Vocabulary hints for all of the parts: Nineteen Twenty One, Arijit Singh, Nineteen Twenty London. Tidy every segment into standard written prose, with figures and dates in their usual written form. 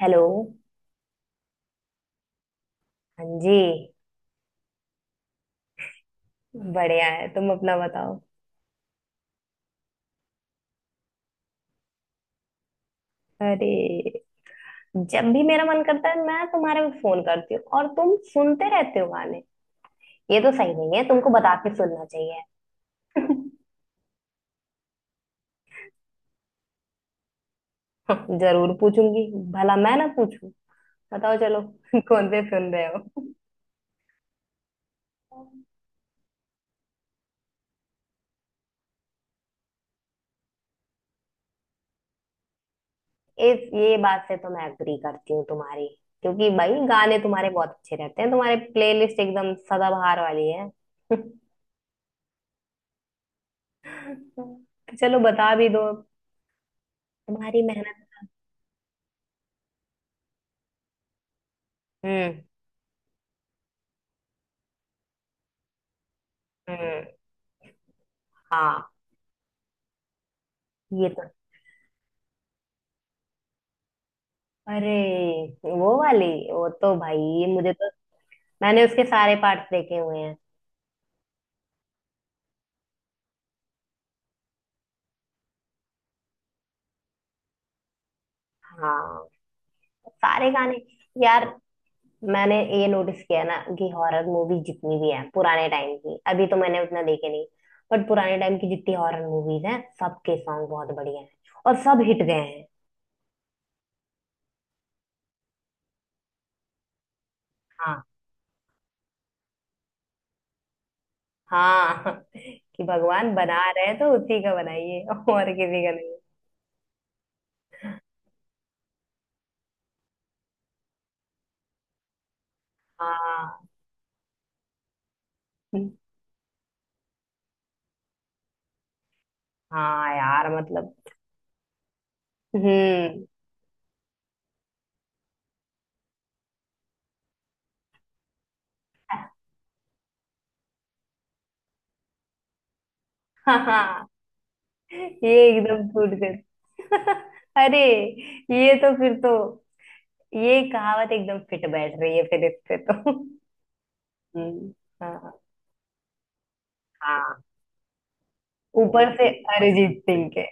Hello. हाँ जी। बढ़िया है, तुम अपना बताओ। अरे, जब भी मेरा मन करता है मैं तुम्हारे को फोन करती हूँ और तुम सुनते रहते हो गाने। ये तो सही नहीं है, तुमको बता के सुनना चाहिए। जरूर पूछूंगी, भला मैं ना पूछूं। बताओ चलो। कौन से सुन रहे हो? इस ये बात से तो मैं एग्री करती हूँ तुम्हारी, क्योंकि भाई गाने तुम्हारे बहुत अच्छे रहते हैं, तुम्हारे प्लेलिस्ट एकदम सदाबहार वाली है। तो चलो बता भी दो, तुम्हारी मेहनत। हम्म हम्म। हाँ, ये तो। अरे, वो वाली। वो तो भाई, ये मुझे तो। मैंने उसके सारे पार्ट्स देखे हुए हैं। हाँ, सारे गाने। यार, मैंने ये नोटिस किया ना कि हॉरर मूवी जितनी भी है पुराने टाइम की, अभी तो मैंने उतना देखे नहीं। बट पुराने टाइम की जितनी हॉरर मूवीज हैं, सबके सॉन्ग बहुत बढ़िया हैं और सब हिट गए हैं। हाँ। हाँ। कि भगवान बना रहे हैं तो उसी का बनाइए और किसी का नहीं। हाँ, हाँ यार मतलब। हम्म। हाँ हाँ, ये एकदम टूट गई। अरे, ये तो फिर तो, ये कहावत एकदम फिट बैठ रही है फिर इस पे तो। हम्म, हाँ हाँ। ऊपर से बिल्कुल अरिजीत सिंह के।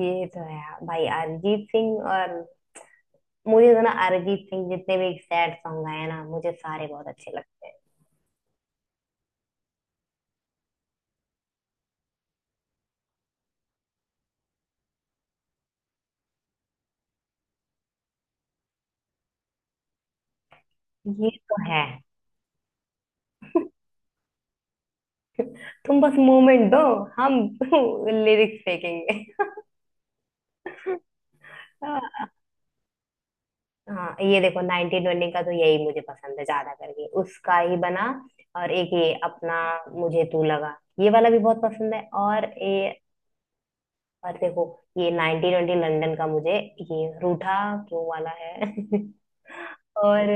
ये तो है। भाई अरिजीत सिंह और, मुझे तो ना अरिजीत सिंह जितने भी सैड सॉन्ग आए ना मुझे सारे बहुत अच्छे लगते हैं। ये तो है। तुम बस मोमेंट दो, हम लिरिक्स फेंकेंगे। हाँ, ये देखो, नाइनटीन ट्वेंटी का तो यही मुझे पसंद है ज्यादा करके, उसका ही बना। और एक ये अपना, मुझे तू लगा ये वाला भी बहुत पसंद है, और ये, और देखो, ये नाइनटीन ट्वेंटी लंदन का मुझे, ये रूठा क्यों वाला है। और,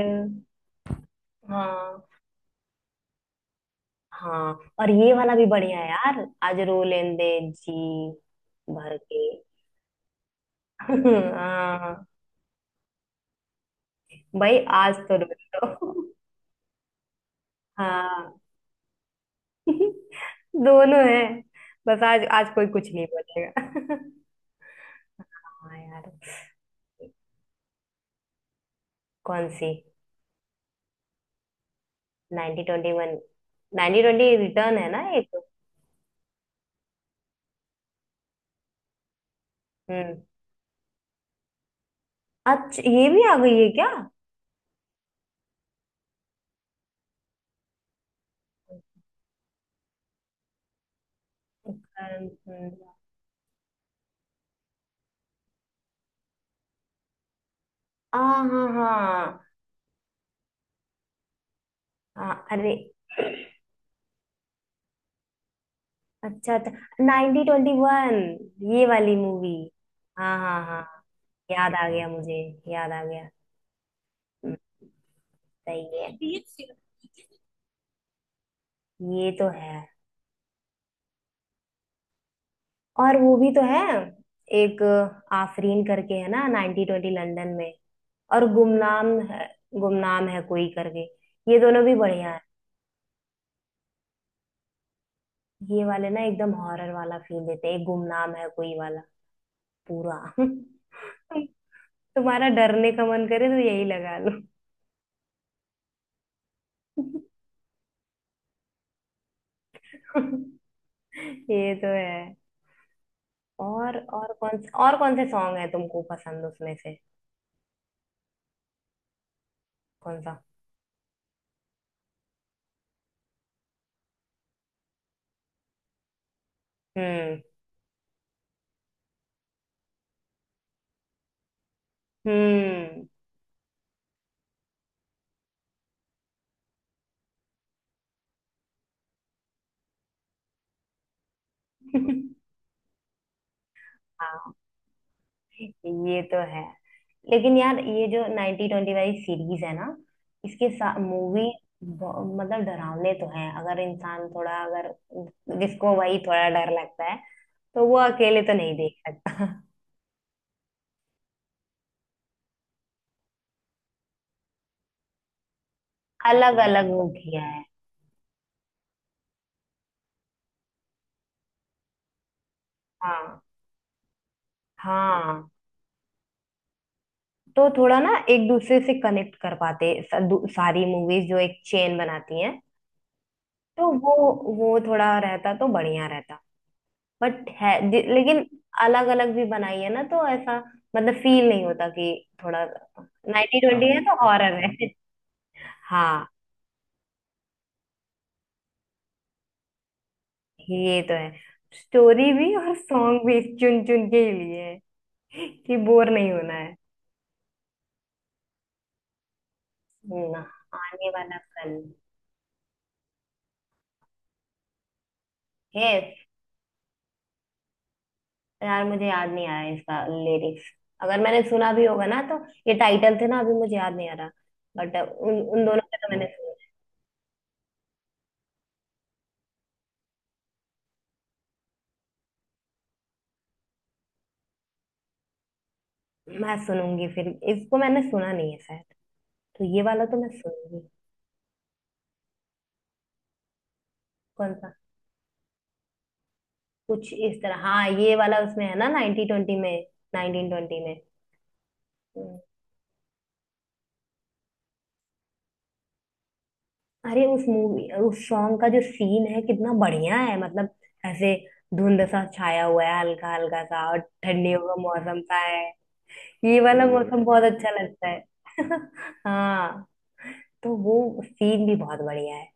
हाँ। हाँ, और ये वाला भी बढ़िया है यार, आज रो लेंदे जी भर के। हाँ, भाई आज तो रो लो। हाँ। दोनों है, बस आज आज कोई कुछ नहीं बोलेगा। हाँ यार। कौन सी? Ninety twenty one. Ninety twenty return है ना एक। हम्म। अच्छा, ये भी आ गई है क्या? आ। हाँ हाँ हाँ, हाँ, अरे। अच्छा अच्छा, नाइनटी ट्वेंटी वन, ये वाली मूवी। हाँ हाँ हाँ, याद आ गया मुझे, याद आ गया। हम्म, सही है। ये तो है। और वो भी तो है, एक आफरीन करके है ना नाइनटी ट्वेंटी लंदन में, और गुमनाम है, गुमनाम है कोई करके, ये दोनों भी बढ़िया है। ये वाले ना एकदम हॉरर वाला फील देते हैं, एक गुमनाम है कोई वाला, पूरा। तुम्हारा डरने का मन करे तो यही लगा लो। ये तो है। और कौन से, और कौन से सॉन्ग है तुमको पसंद उसमें से? कौन सा? हम्म हम्म। हाँ, ये तो है। लेकिन यार, ये जो नाइनटी ट्वेंटी वाली सीरीज है ना, इसके साथ मूवी, मतलब डरावने तो हैं। अगर इंसान थोड़ा, अगर जिसको वही थोड़ा डर लगता है, तो वो अकेले तो नहीं देख सकता। अलग अलग वो किया है। हाँ हाँ। तो थोड़ा ना एक दूसरे से कनेक्ट कर पाते, सारी मूवीज जो एक चेन बनाती हैं, तो वो थोड़ा रहता तो बढ़िया रहता। बट है, लेकिन अलग अलग भी बनाई है ना, तो ऐसा मतलब फील नहीं होता कि थोड़ा, नाइनटी ट्वेंटी है हाँ तो हॉरर है। हाँ, ये तो है। स्टोरी भी और सॉन्ग भी चुन चुन के ही लिए है, कि बोर नहीं होना है। ना, आने वाला कल। यस। यार मुझे याद नहीं आ रहा है इसका लिरिक्स, अगर मैंने सुना भी होगा ना तो, ये टाइटल थे ना अभी मुझे याद नहीं आ रहा। बट उन उन दोनों का तो मैंने सुना है। मैं सुनूंगी फिर, इसको मैंने सुना नहीं है शायद, तो ये वाला तो मैं सुनूंगी। कौन सा? कुछ इस तरह, हाँ ये वाला उसमें है ना, नाइनटी ट्वेंटी में, नाइनटीन ट्वेंटी में। हम्म। अरे उस मूवी, उस सॉन्ग का जो सीन है कितना बढ़िया है मतलब, ऐसे धुंध सा छाया हुआ है हल्का हल्का सा, और ठंडियों का मौसम सा है, ये वाला मौसम बहुत अच्छा लगता है। हाँ, तो वो सीन भी बहुत बढ़िया है।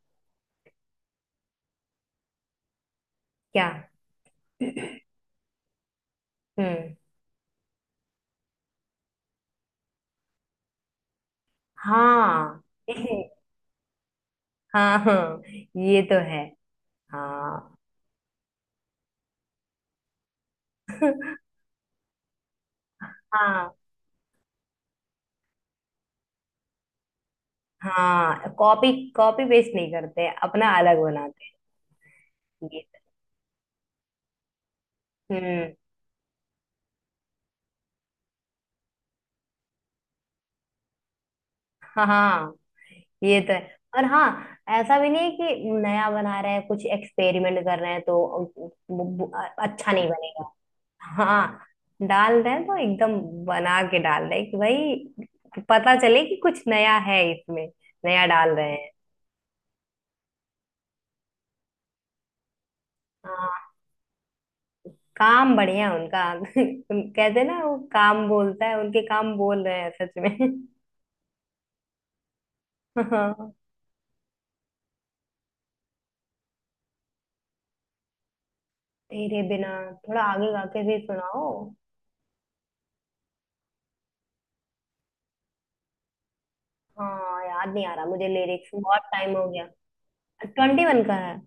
क्या? हम्म। हाँ। हाँ हाँ, ये तो है। हाँ। हाँ, हाँ कॉपी कॉपी पेस्ट नहीं करते, अपना अलग बनाते हैं। ये तो-। हम्म। हाँ, ये तो है और हाँ, ऐसा भी नहीं है कि नया बना रहे हैं कुछ एक्सपेरिमेंट कर रहे हैं तो, वो- वो- अच्छा नहीं बनेगा। हाँ, डाल रहे हैं तो एकदम बना के डाल रहे हैं, कि भाई पता चले कि कुछ नया है इसमें, नया डाल रहे हैं। हाँ, काम बढ़िया है उनका। कहते हैं ना वो, काम बोलता है, उनके काम बोल रहे हैं सच में। हाँ। तेरे बिना, थोड़ा आगे गा के भी सुनाओ। हाँ, याद नहीं आ रहा मुझे लिरिक्स, बहुत टाइम हो गया। ट्वेंटी वन का है।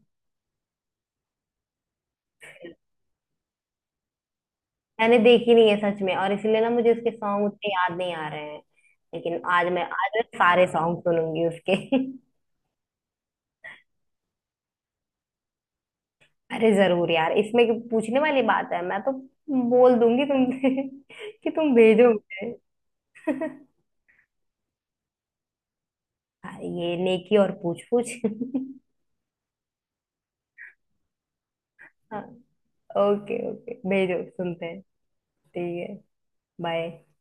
मैंने देखी नहीं है सच में, और इसीलिए ना मुझे उसके सॉन्ग उतने याद नहीं आ रहे हैं। लेकिन आज मैं, आज मैं सारे सॉन्ग सुनूंगी उसके। अरे जरूर यार, इसमें क्यों- पूछने वाली बात है, मैं तो बोल दूंगी तुमसे कि तुम भेजो मुझे। हाँ, ये नेकी और पूछ पूछ। हाँ। ओके ओके, भेजो सुनते हैं। ठीक है। बाय।